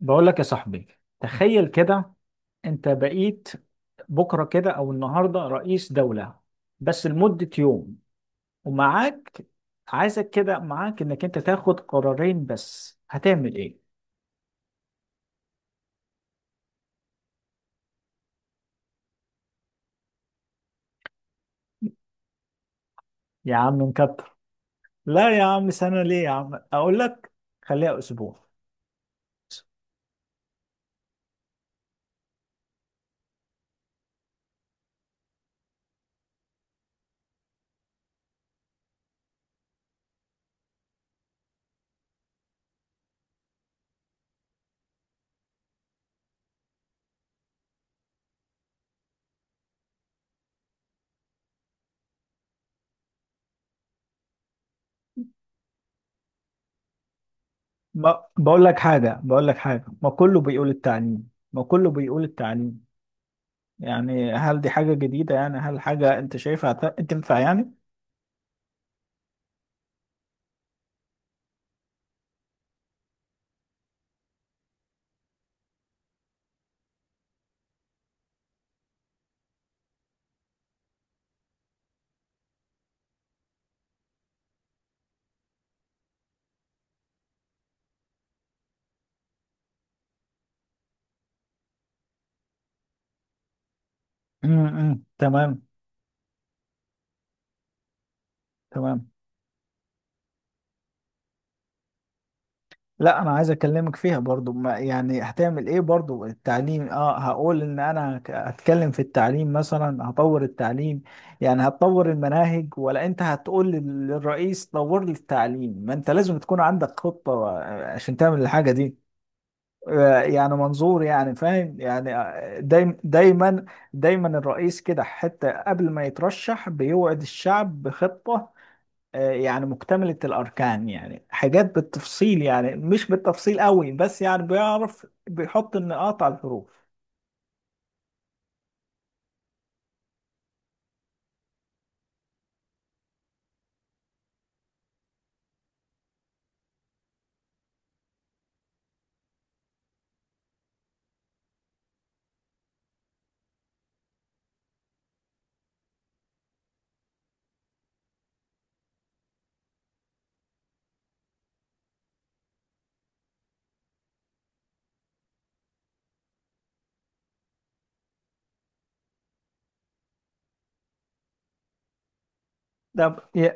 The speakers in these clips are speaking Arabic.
بقول لك يا صاحبي، تخيل كده. انت بقيت بكره كده او النهارده رئيس دولة بس لمدة يوم. ومعاك، عايزك كده، معاك انك انت تاخد قرارين بس. هتعمل ايه؟ يا عم نكتر. لا يا عم، سنة ليه يا عم؟ اقول لك، خليها اسبوع. ما بقول لك حاجة بقول لك حاجة، ما كله بيقول التعليم. يعني هل دي حاجة جديدة؟ يعني هل حاجة انت شايفها تنفع يعني؟ تمام. تمام. لا انا عايز اكلمك فيها برضو، ما يعني هتعمل ايه برضو؟ التعليم اه، هقول ان انا هتكلم في التعليم، مثلا هطور التعليم. يعني هتطور المناهج ولا انت هتقول للرئيس طور لي التعليم؟ ما انت لازم تكون عندك خطة عشان تعمل الحاجة دي. يعني منظور، يعني فاهم يعني. دايما دايما الرئيس كده حتى قبل ما يترشح بيوعد الشعب بخطة. يعني مكتملة الأركان، يعني حاجات بالتفصيل، يعني مش بالتفصيل قوي بس يعني بيعرف بيحط النقاط على الحروف. طب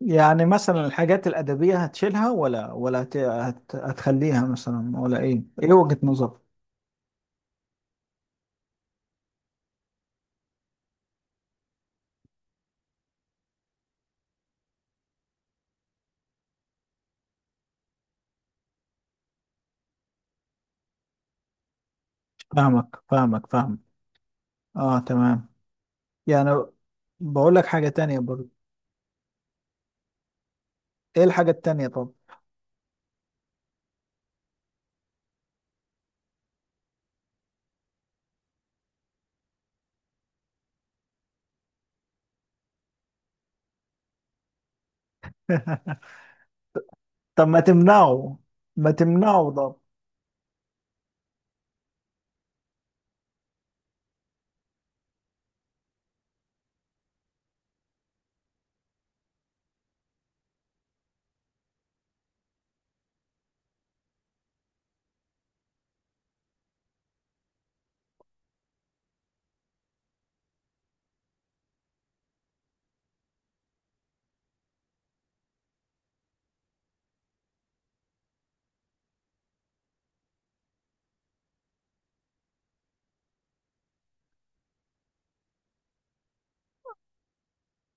يعني مثلا الحاجات الأدبية هتشيلها ولا هتخليها مثلا، ولا إيه؟ إيه وجهة نظرك؟ فاهمك فاهمك فاهمك. آه تمام. يعني بقول لك حاجة تانية برضه. إيه الحاجة التانية طب؟ طب ما تمنعه. ما تمنعه طب.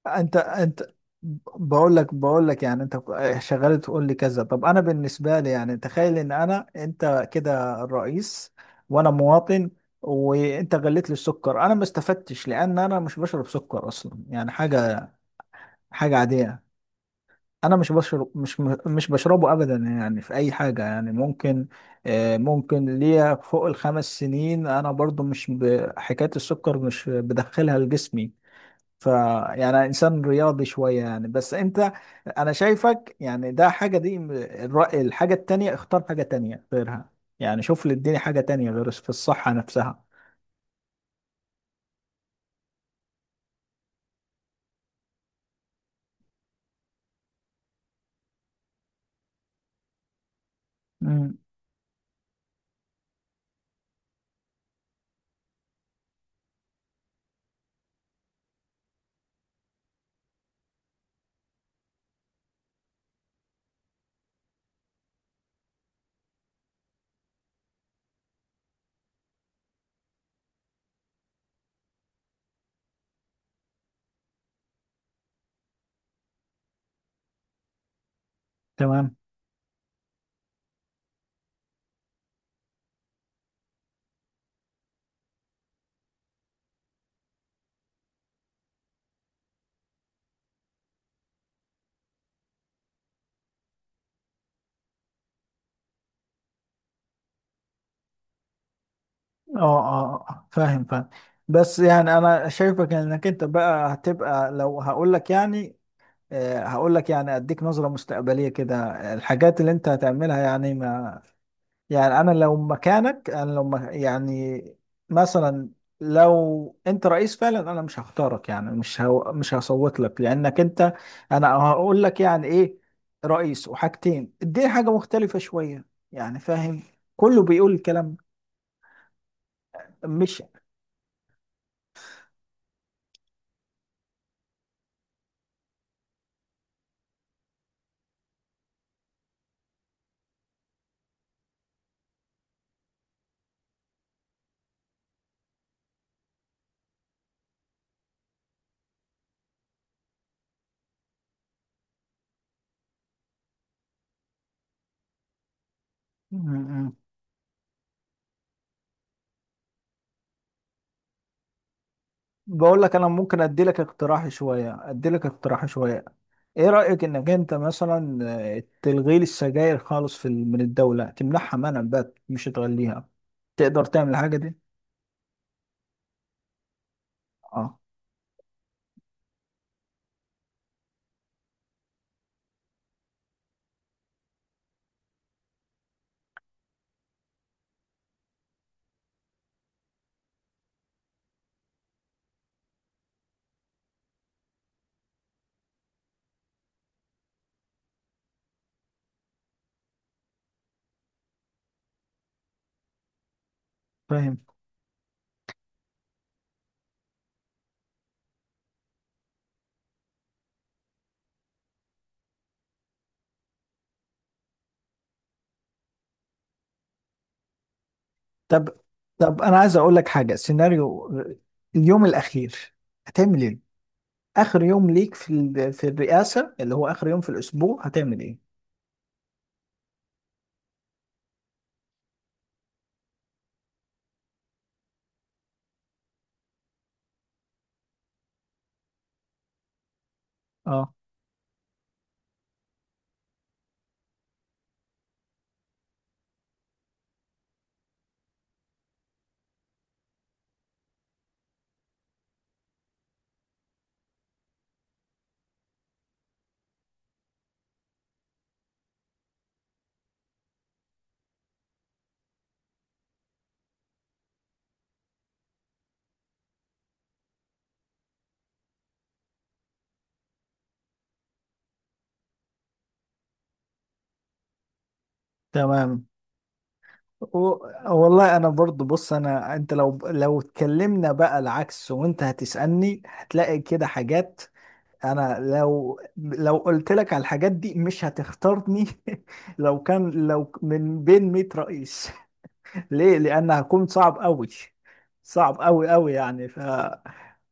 انت بقول لك يعني انت شغال تقول لي كذا. طب انا بالنسبه لي، يعني تخيل ان انا انت كده الرئيس وانا مواطن، وانت غليت لي السكر، انا ما استفدتش لان انا مش بشرب سكر اصلا. يعني حاجه عاديه. انا مش بشربه ابدا يعني في اي حاجه، يعني ممكن ممكن ليا فوق الخمس سنين. انا برضو مش ب- حكايه السكر مش بدخلها لجسمي. ف يعني انسان رياضي شويه يعني. بس انت، انا شايفك يعني ده حاجه، دي الحاجه التانية اختار حاجه تانية غيرها. يعني شوف لي، اديني حاجه تانية غير في الصحه نفسها. امم تمام. اه اه، آه، آه. فاهم فاهم. بس يعني انا شايفك انك انت بقى هتبقى لو هقول لك يعني، هقول لك، يعني اديك نظره مستقبليه كده الحاجات اللي انت هتعملها. يعني، ما يعني انا لو مكانك، انا يعني مثلا لو انت رئيس فعلا انا مش هختارك. يعني مش هصوت لك لانك انت. انا هقول لك يعني ايه؟ رئيس وحاجتين، اديني حاجة مختلفة شوية يعني، فاهم؟ كله بيقول الكلام ده، مش بقول لك، انا ممكن ادي لك اقتراح شويه. ايه رايك انك انت مثلا تلغي لي السجاير خالص في من الدوله، تمنعها منع بقى مش تغليها؟ تقدر تعمل الحاجه دي؟ اه، فاهم. طب طب انا عايز اقول لك حاجه سيناريو، اليوم الاخير هتعمل ايه؟ اخر يوم ليك في في الرئاسه، اللي هو اخر يوم في الاسبوع، هتعمل ايه؟ اه تمام. و- والله انا برضو بص، انا انت لو اتكلمنا بقى العكس وانت هتسألني، هتلاقي كده حاجات. انا لو قلت لك على الحاجات دي مش هتختارني. لو من بين 100 رئيس. ليه؟ لان هكون صعب قوي، صعب قوي قوي يعني.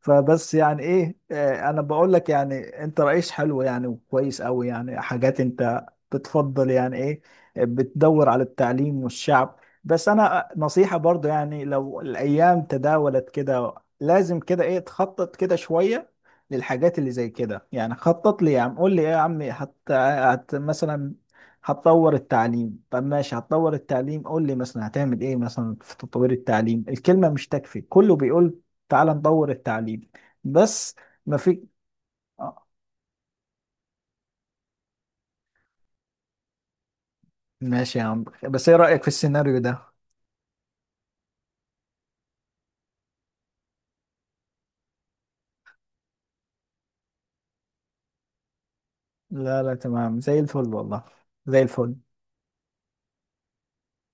فبس يعني ايه، انا بقول لك يعني انت رئيس حلو يعني، وكويس قوي يعني. حاجات انت بتفضل يعني ايه؟ بتدور على التعليم والشعب بس. انا نصيحة برضو، يعني لو الايام تداولت كده لازم كده ايه، تخطط كده شوية للحاجات اللي زي كده يعني. خطط لي يا عم، قول لي ايه يا عمي. حتى مثلا هتطور التعليم؟ طب ماشي هتطور التعليم، قول لي مثلا هتعمل ايه مثلا في تطوير التعليم. الكلمة مش تكفي، كله بيقول تعال نطور التعليم بس. ما في آه، ماشي يا عم. بس ايه رأيك في السيناريو ده؟ لا لا تمام، زي الفل والله، زي الفل.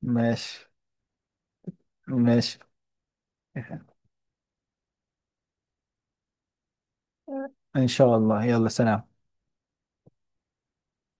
ماشي. ماشي ان شاء الله. يلا، سلام.